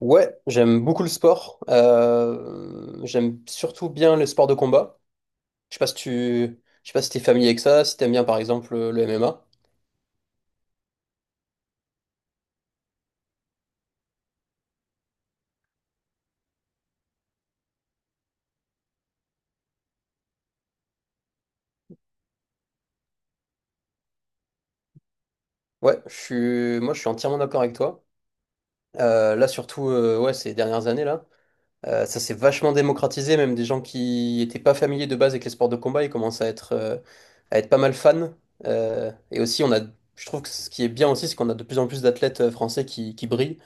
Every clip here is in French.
Ouais, j'aime beaucoup le sport. J'aime surtout bien les sports de combat. Je sais pas si t'es familier avec ça, si t'aimes bien par exemple le MMA. Ouais, je suis, moi je suis entièrement d'accord avec toi. Là surtout, ouais, ces dernières années là. Ça s'est vachement démocratisé, même des gens qui n'étaient pas familiers de base avec les sports de combat, ils commencent à être pas mal fans. Et aussi, je trouve que ce qui est bien aussi, c'est qu'on a de plus en plus d'athlètes français qui brillent.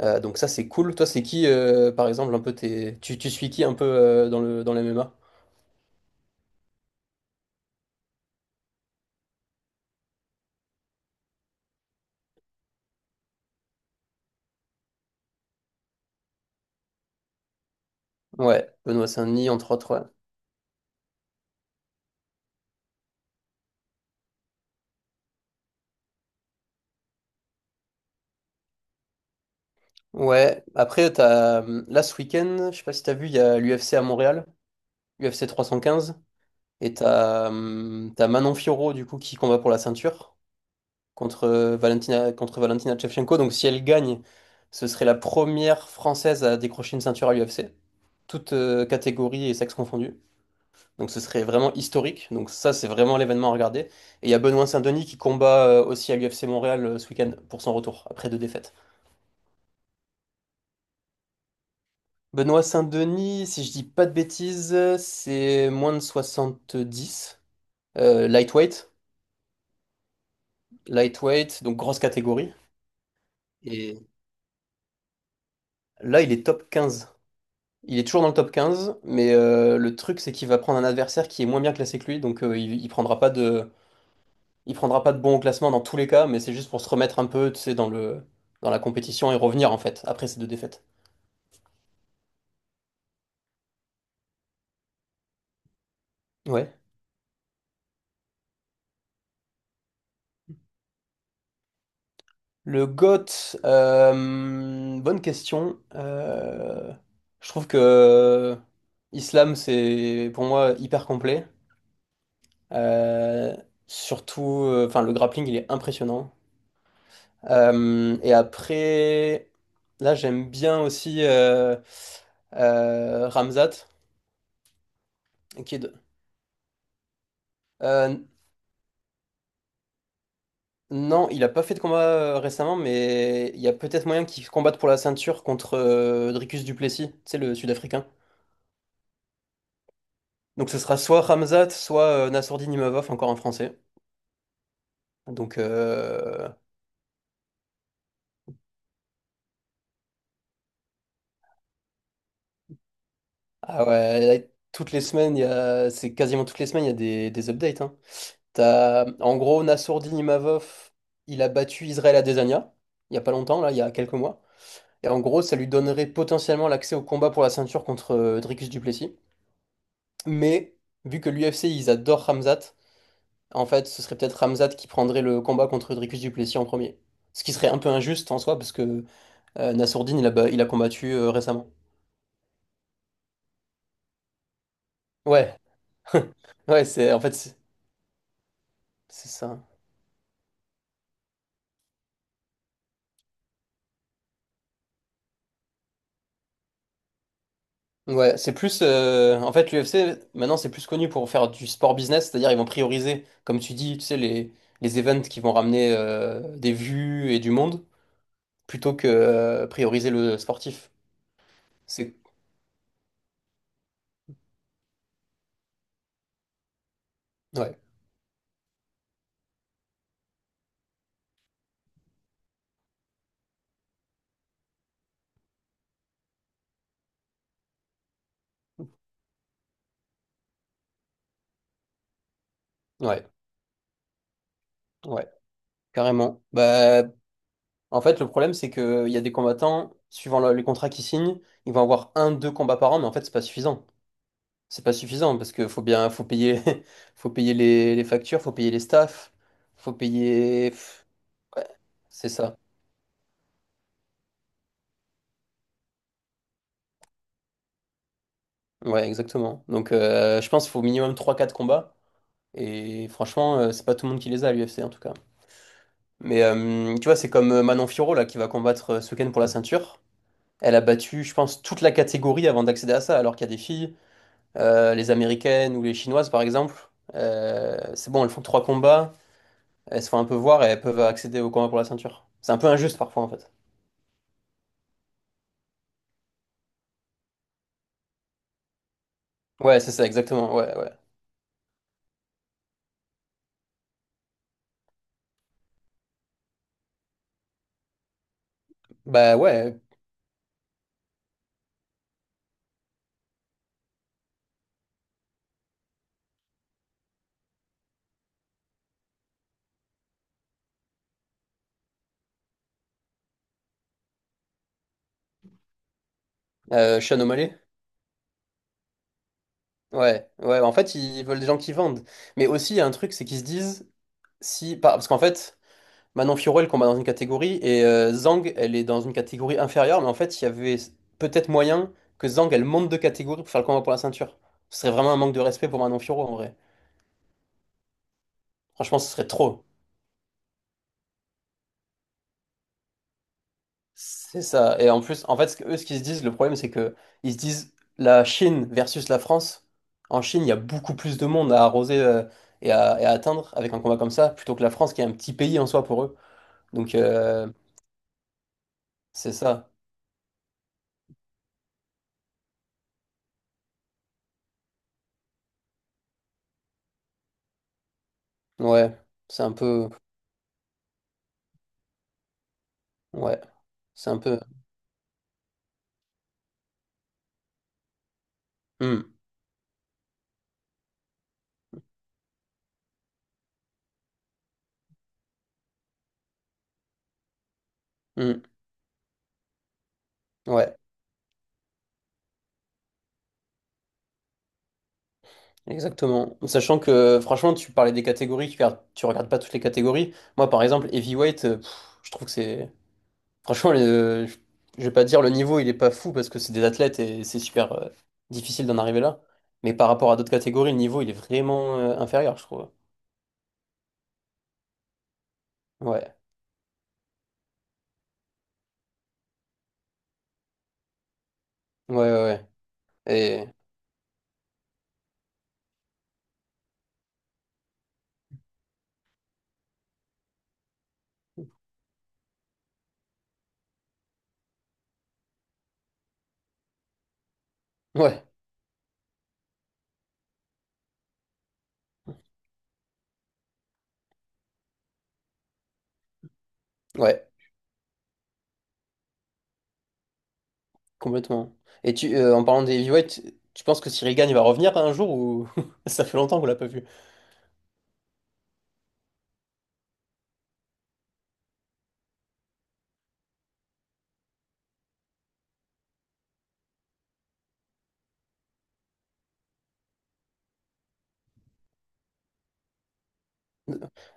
Donc ça, c'est cool. Toi, c'est qui, par exemple, un peu tu suis qui un peu dans les MMA? Ouais, Benoît Saint-Denis, entre autres, ouais. Ouais, après, là, ce week-end, je sais pas si t'as vu, il y a l'UFC à Montréal, UFC 315, et t'as Manon Fiorot, du coup, qui combat pour la ceinture contre Valentina Shevchenko. Donc si elle gagne, ce serait la première Française à décrocher une ceinture à l'UFC, toutes catégories et sexes confondus. Donc ce serait vraiment historique. Donc ça, c'est vraiment l'événement à regarder. Et il y a Benoît Saint-Denis qui combat aussi à l'UFC Montréal ce week-end pour son retour, après deux défaites. Benoît Saint-Denis, si je dis pas de bêtises, c'est moins de 70, lightweight. Lightweight, donc grosse catégorie. Et là, il est top 15. Il est toujours dans le top 15, mais le truc c'est qu'il va prendre un adversaire qui est moins bien classé que lui, donc il prendra pas de bon au classement dans tous les cas, mais c'est juste pour se remettre un peu, tu sais, dans la compétition et revenir en fait après ces deux défaites. Ouais. Le GOAT, bonne question. Je trouve que Islam c'est pour moi hyper complet. Euh, Surtout, enfin le grappling il est impressionnant. Et après, là, j'aime bien aussi Ramzat Kid. Euh, non, il a pas fait de combat récemment, mais il y a peut-être moyen qu'il combatte pour la ceinture contre Dricus Duplessis, tu sais, le Sud-Africain. Donc ce sera soit Ramzat, soit Nassourdine Imavov, encore un Français. Donc, euh, ah ouais, là, toutes les semaines, c'est quasiment toutes les semaines, il y a des updates, hein. T'as, en gros, Nassourdine Imavov, il a battu Israël Adesanya, il y a pas longtemps, là, il y a quelques mois. Et en gros, ça lui donnerait potentiellement l'accès au combat pour la ceinture contre Dricus du Plessis. Mais, vu que l'UFC, ils adorent Khamzat, en fait, ce serait peut-être Khamzat qui prendrait le combat contre Dricus du Plessis en premier. Ce qui serait un peu injuste en soi, parce que Nassourdine, il a combattu récemment. Ouais, ouais, c'est, en fait, c'est ça. Ouais, c'est plus. En fait, l'UFC, maintenant, c'est plus connu pour faire du sport business, c'est-à-dire ils vont prioriser, comme tu dis, tu sais, les events qui vont ramener des vues et du monde, plutôt que prioriser le sportif. C'est. Ouais, ouais, ouais, carrément. Bah, en fait, le problème, c'est qu'il y a des combattants, suivant les contrats qu'ils signent, ils vont avoir un, deux combats par an, mais en fait, c'est pas suffisant. C'est pas suffisant parce que faut bien, faut payer, faut payer les factures, faut payer les staffs, faut payer. Ouais, c'est ça. Ouais, exactement. Donc, je pense qu'il faut au minimum trois, quatre combats. Et franchement, c'est pas tout le monde qui les a à l'UFC en tout cas. Mais tu vois, c'est comme Manon Fiorot là qui va combattre ce week-end pour la ceinture. Elle a battu, je pense, toute la catégorie avant d'accéder à ça, alors qu'il y a des filles, les américaines ou les chinoises par exemple. C'est bon, elles font trois combats, elles se font un peu voir et elles peuvent accéder au combat pour la ceinture. C'est un peu injuste parfois en fait. Ouais, c'est ça, exactement. Ouais, ouais. Bah ouais, Sean O'Malley. Ouais, ouais, en fait, ils veulent des gens qui vendent. Mais aussi, il y a un truc, c'est qu'ils se disent, si, par- parce qu'en fait, Manon Fiorot, elle combat dans une catégorie, et Zhang, elle est dans une catégorie inférieure, mais en fait, il y avait peut-être moyen que Zhang, elle monte de catégorie pour faire le combat pour la ceinture. Ce serait vraiment un manque de respect pour Manon Fiorot, en vrai. Franchement, ce serait trop. C'est ça. Et en plus, en fait, eux, ce qu'ils se disent, le problème, c'est que ils se disent, la Chine versus la France, en Chine, il y a beaucoup plus de monde à arroser et à atteindre avec un combat comme ça, plutôt que la France, qui est un petit pays en soi pour eux. Donc, c'est ça. Ouais, c'est un peu ouais, c'est un peu hmm, hmm, ouais, exactement. Sachant que franchement, tu parlais des catégories, tu regardes pas toutes les catégories. Moi par exemple, heavyweight, pff, je trouve que c'est franchement je vais pas dire le niveau, il est pas fou parce que c'est des athlètes et c'est super difficile d'en arriver là. Mais par rapport à d'autres catégories, le niveau, il est vraiment inférieur, je trouve. Ouais. Ouais, ouais, ouais. Et ouais. Ouais. Complètement. Et en parlant des Heavyweight, tu penses que Cyril Gane va revenir un jour ou ça fait longtemps qu'on l'a pas vu?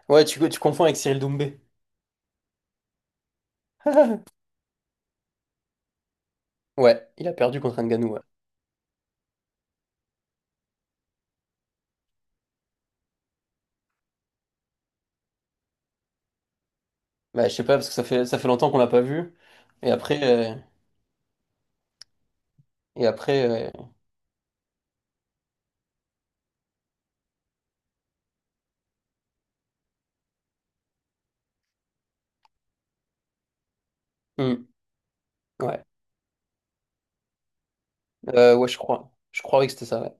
Ouais, tu confonds avec Cyril Doumbé. Ouais, il a perdu contre Ngannou, ouais. Bah, je sais pas parce que ça fait longtemps qu'on l'a pas vu. Et après euh, et après, hmm, ouais. Ouais, je crois que c'était ça. Ouais.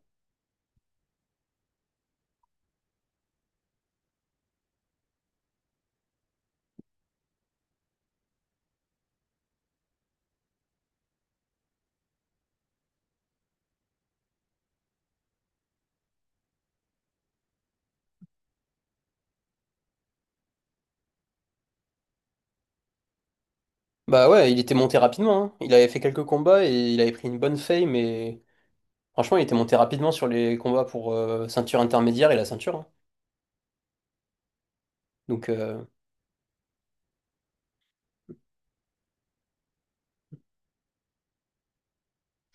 Bah ouais, il était monté rapidement, hein. Il avait fait quelques combats et il avait pris une bonne fame. Mais franchement, il était monté rapidement sur les combats pour ceinture intermédiaire et la ceinture, hein. Donc,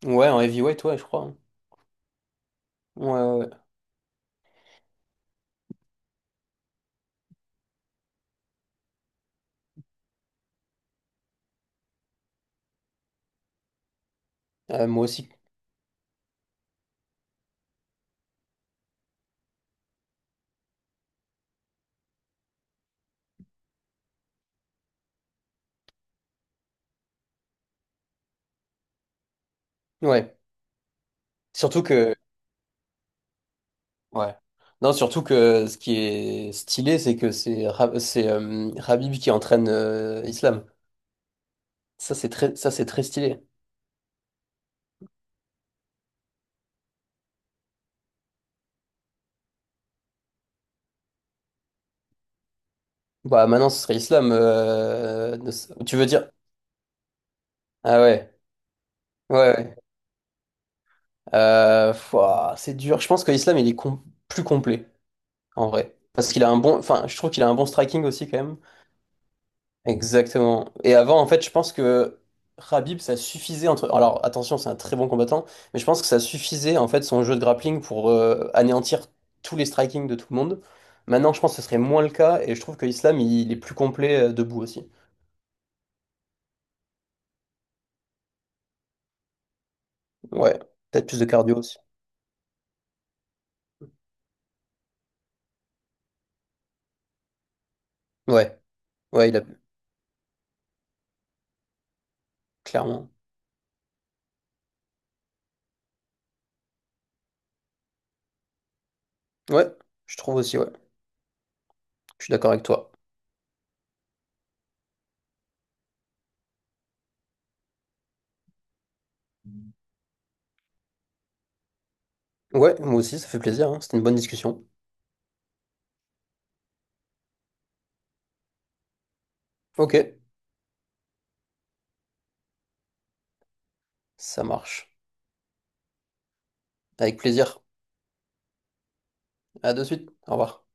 ouais en heavyweight ouais je crois, hein. Ouais, ouais. Ouais. Moi aussi. Ouais. Surtout que, ouais. Non, surtout que ce qui est stylé, c'est que c'est Habib qui entraîne Islam. Ça, c'est très, stylé. Bah, maintenant, ce serait Islam. Ne Tu veux dire? Ah ouais. Ouais, ouais. Fouah, c'est dur. Je pense que Islam, il est plus complet, en vrai. Parce qu'il a un bon, enfin, je trouve qu'il a un bon striking aussi, quand même. Exactement. Et avant, en fait, je pense que Khabib, ça suffisait entre. Alors, attention, c'est un très bon combattant, mais je pense que ça suffisait, en fait, son jeu de grappling pour anéantir tous les striking de tout le monde. Maintenant, je pense que ce serait moins le cas, et je trouve que Islam, est plus complet debout aussi. Ouais. Peut-être plus de cardio aussi. Ouais. Ouais, il a. Clairement. Ouais. Je trouve aussi, ouais. Je suis d'accord avec toi. Ouais, moi aussi, ça fait plaisir, hein. C'était une bonne discussion. Ok. Ça marche. Avec plaisir. À de suite. Au revoir.